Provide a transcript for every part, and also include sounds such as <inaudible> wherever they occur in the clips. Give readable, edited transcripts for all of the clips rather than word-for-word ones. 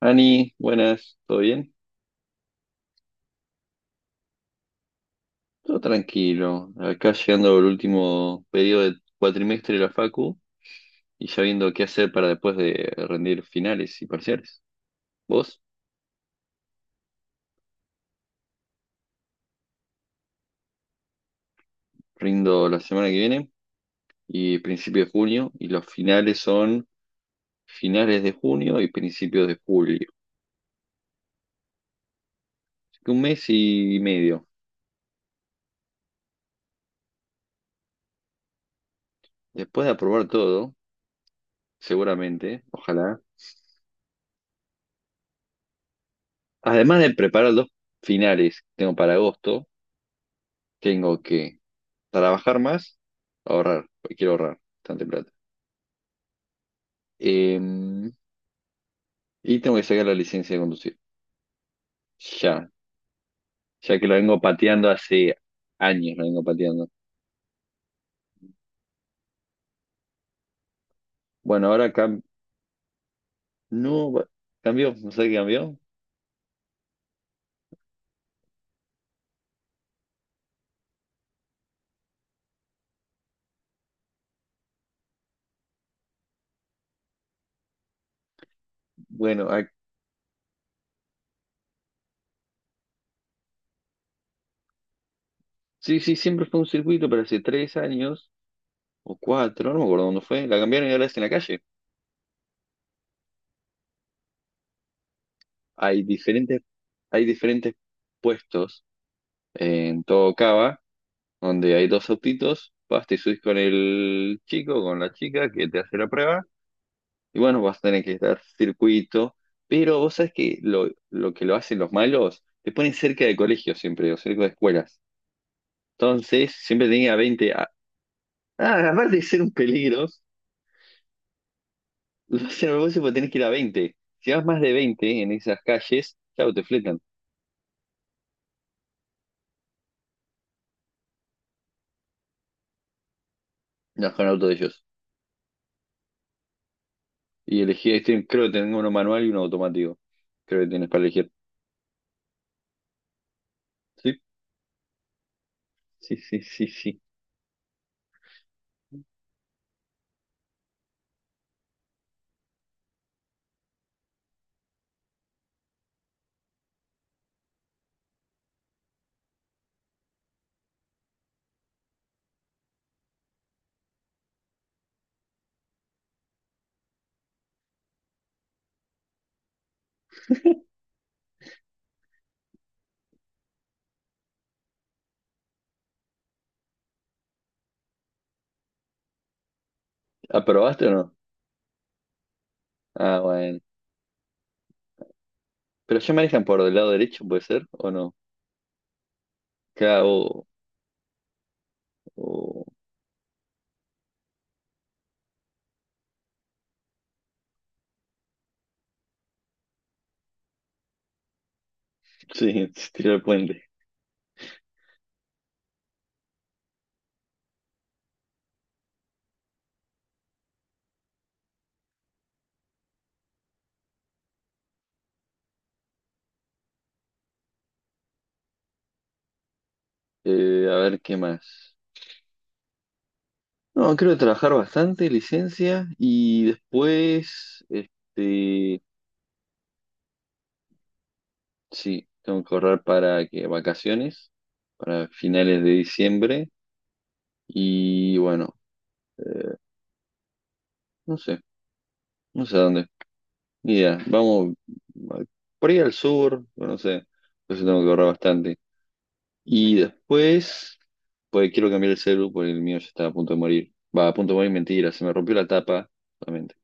Ani, buenas, ¿todo bien? Todo tranquilo. Acá llegando el último periodo del cuatrimestre de la Facu y ya viendo qué hacer para después de rendir finales y parciales. Vos, rindo la semana que viene y principio de junio y los finales son finales de junio y principios de julio. Así que un mes y medio. Después de aprobar todo, seguramente, ojalá. Además de preparar los finales que tengo para agosto, tengo que trabajar más, ahorrar, porque quiero ahorrar bastante plata. Em, y tengo que sacar la licencia de conducir. Ya, ya que la vengo pateando hace años, la vengo pateando. Bueno, ahora no, cambió, no sé qué cambió. Bueno, sí, sí, siempre fue un circuito, pero hace 3 años o cuatro, no me acuerdo dónde fue, la cambiaron y ahora es en la calle. Hay diferentes, hay diferentes puestos en todo Cava donde hay dos autitos, vas, te subís con el chico, con la chica que te hace la prueba, y bueno, vas a tener que dar circuito, pero vos sabés que lo que lo hacen los malos, te ponen cerca de colegios siempre, o cerca de escuelas. Entonces, siempre tenía 20 aparte de ser un peligro. <laughs> Lo hacen a propósito porque tenés que ir a 20. Si vas más de 20 en esas calles, claro, te fletan, no con el auto de ellos. Y elegí, este, creo que tengo uno manual y uno automático, creo que tienes para elegir. Sí, sí, sí, sí, sí. ¿Aprobaste o no? Ah, bueno. Pero ya manejan por el lado derecho, ¿puede ser? ¿O no? Acá o- sí. <laughs> Tirar el puente. A ver, ¿qué más? No, creo que trabajar bastante, licencia, y después, este, sí, tengo que ahorrar para que vacaciones, para finales de diciembre, y bueno, eh, no sé, no sé a dónde. Ni idea, vamos a- por ahí al sur, no sé, entonces tengo que ahorrar bastante. Y después, pues quiero cambiar el celu porque el mío ya está a punto de morir. Va, a punto de morir, mentira, se me rompió la tapa, solamente.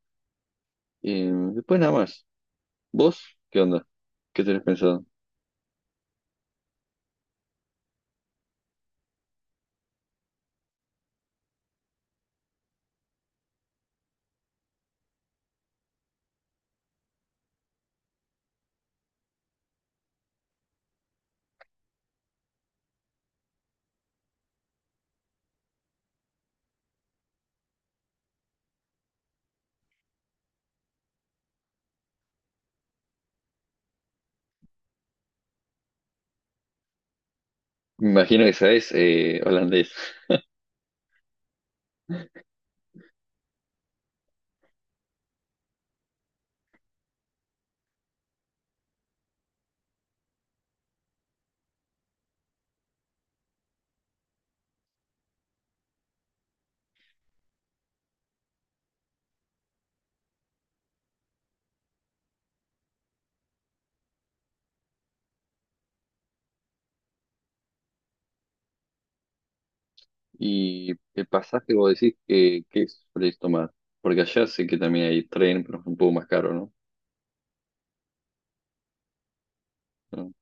Después nada más. ¿Vos qué onda? ¿Qué tenés pensado? Me imagino que sabés holandés. ¿Y el pasaje vos decís que qué solés tomar? Porque allá sé que también hay tren, pero es un poco más caro, ¿no? Pero-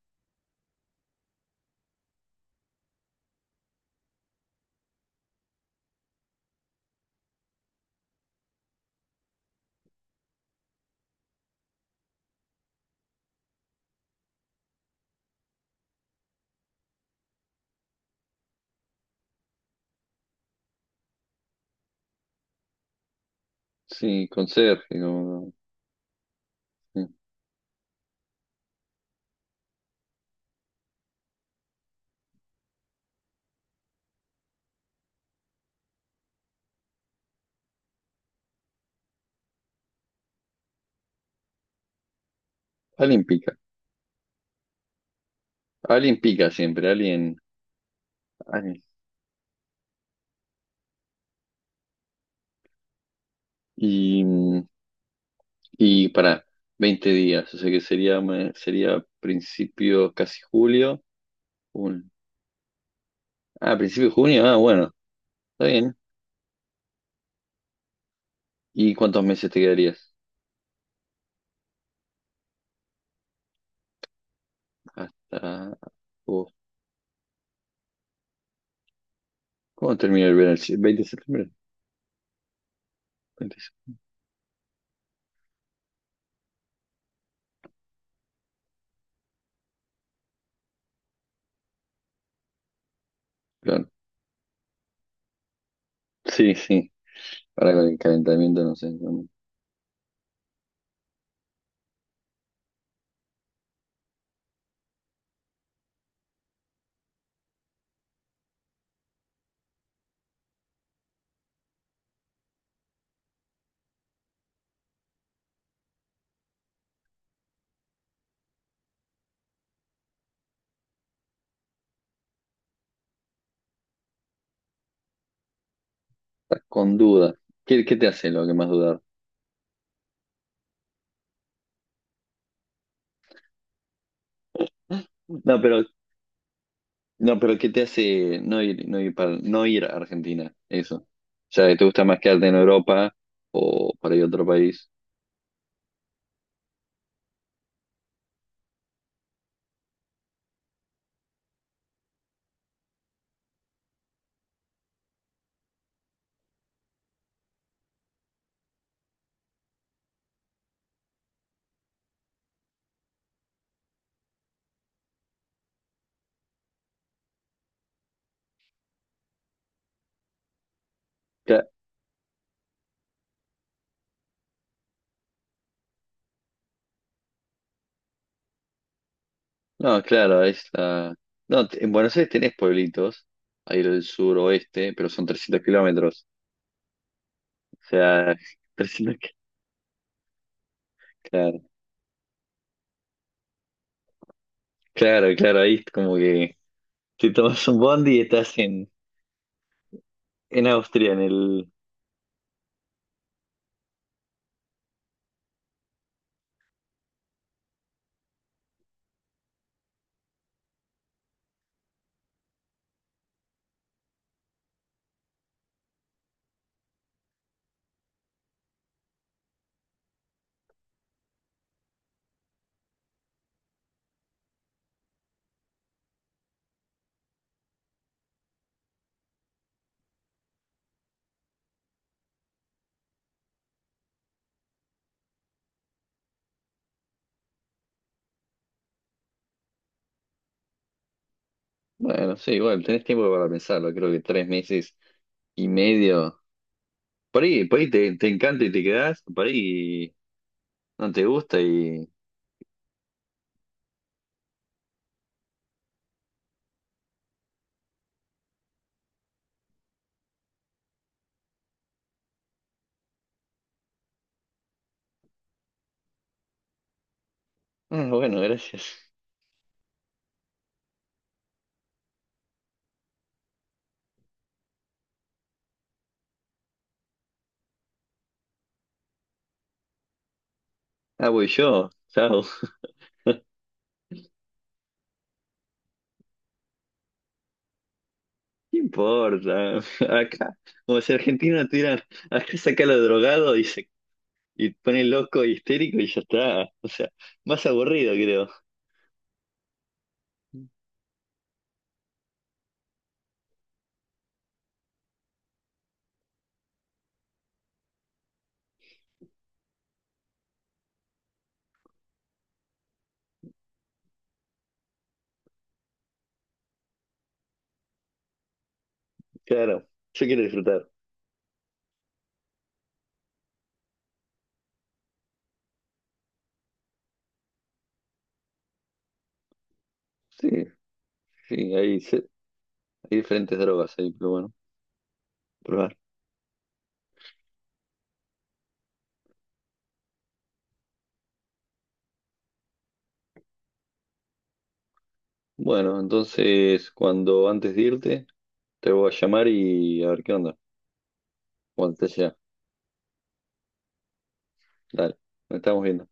sí, conserje, sí. Alguien pica. Alguien pica siempre, alguien. Y mm, Y para 20 días, o sea que sería, sería principio casi julio. un- ah, principio de junio. Ah, bueno, está bien. ¿Y cuántos meses te quedarías? Hasta agosto. ¿Cómo termina el verano? ¿El 20 de septiembre? 20 de septiembre, claro. Sí, sí. Ahora con el calentamiento, no sé. Estás con duda. ¿Qué te hace lo que más dudar? No, pero, no, pero, ¿qué te hace no ir, no ir para, no ir a Argentina? Eso. O sea, ¿te gusta más quedarte en Europa o para ir a otro país? No, claro, No, en Buenos Aires tenés pueblitos, ahí lo del sur pero son 300 kilómetros. O sea, <laughs> 300 ki- claro, claro, claro, ahí es como que te tomas un bondi y estás en Austria, en el... Bueno, sí, igual, tenés tiempo para pensarlo, creo que 3 meses y medio. Por ahí te encanta y te quedás, por ahí no te gusta y... Ah, bueno, gracias. Ah, voy yo, chao. ¿Qué importa? Acá, como si Argentina tuviera, acá saca lo drogado y se y pone loco y histérico y ya está. O sea, más aburrido creo. Claro, yo quiero disfrutar. Sí, sí, hay diferentes drogas ahí, pero bueno, probar. Bueno, entonces cuando antes de irte, te voy a llamar y a ver qué onda. Cuando te llega. Dale, nos estamos viendo.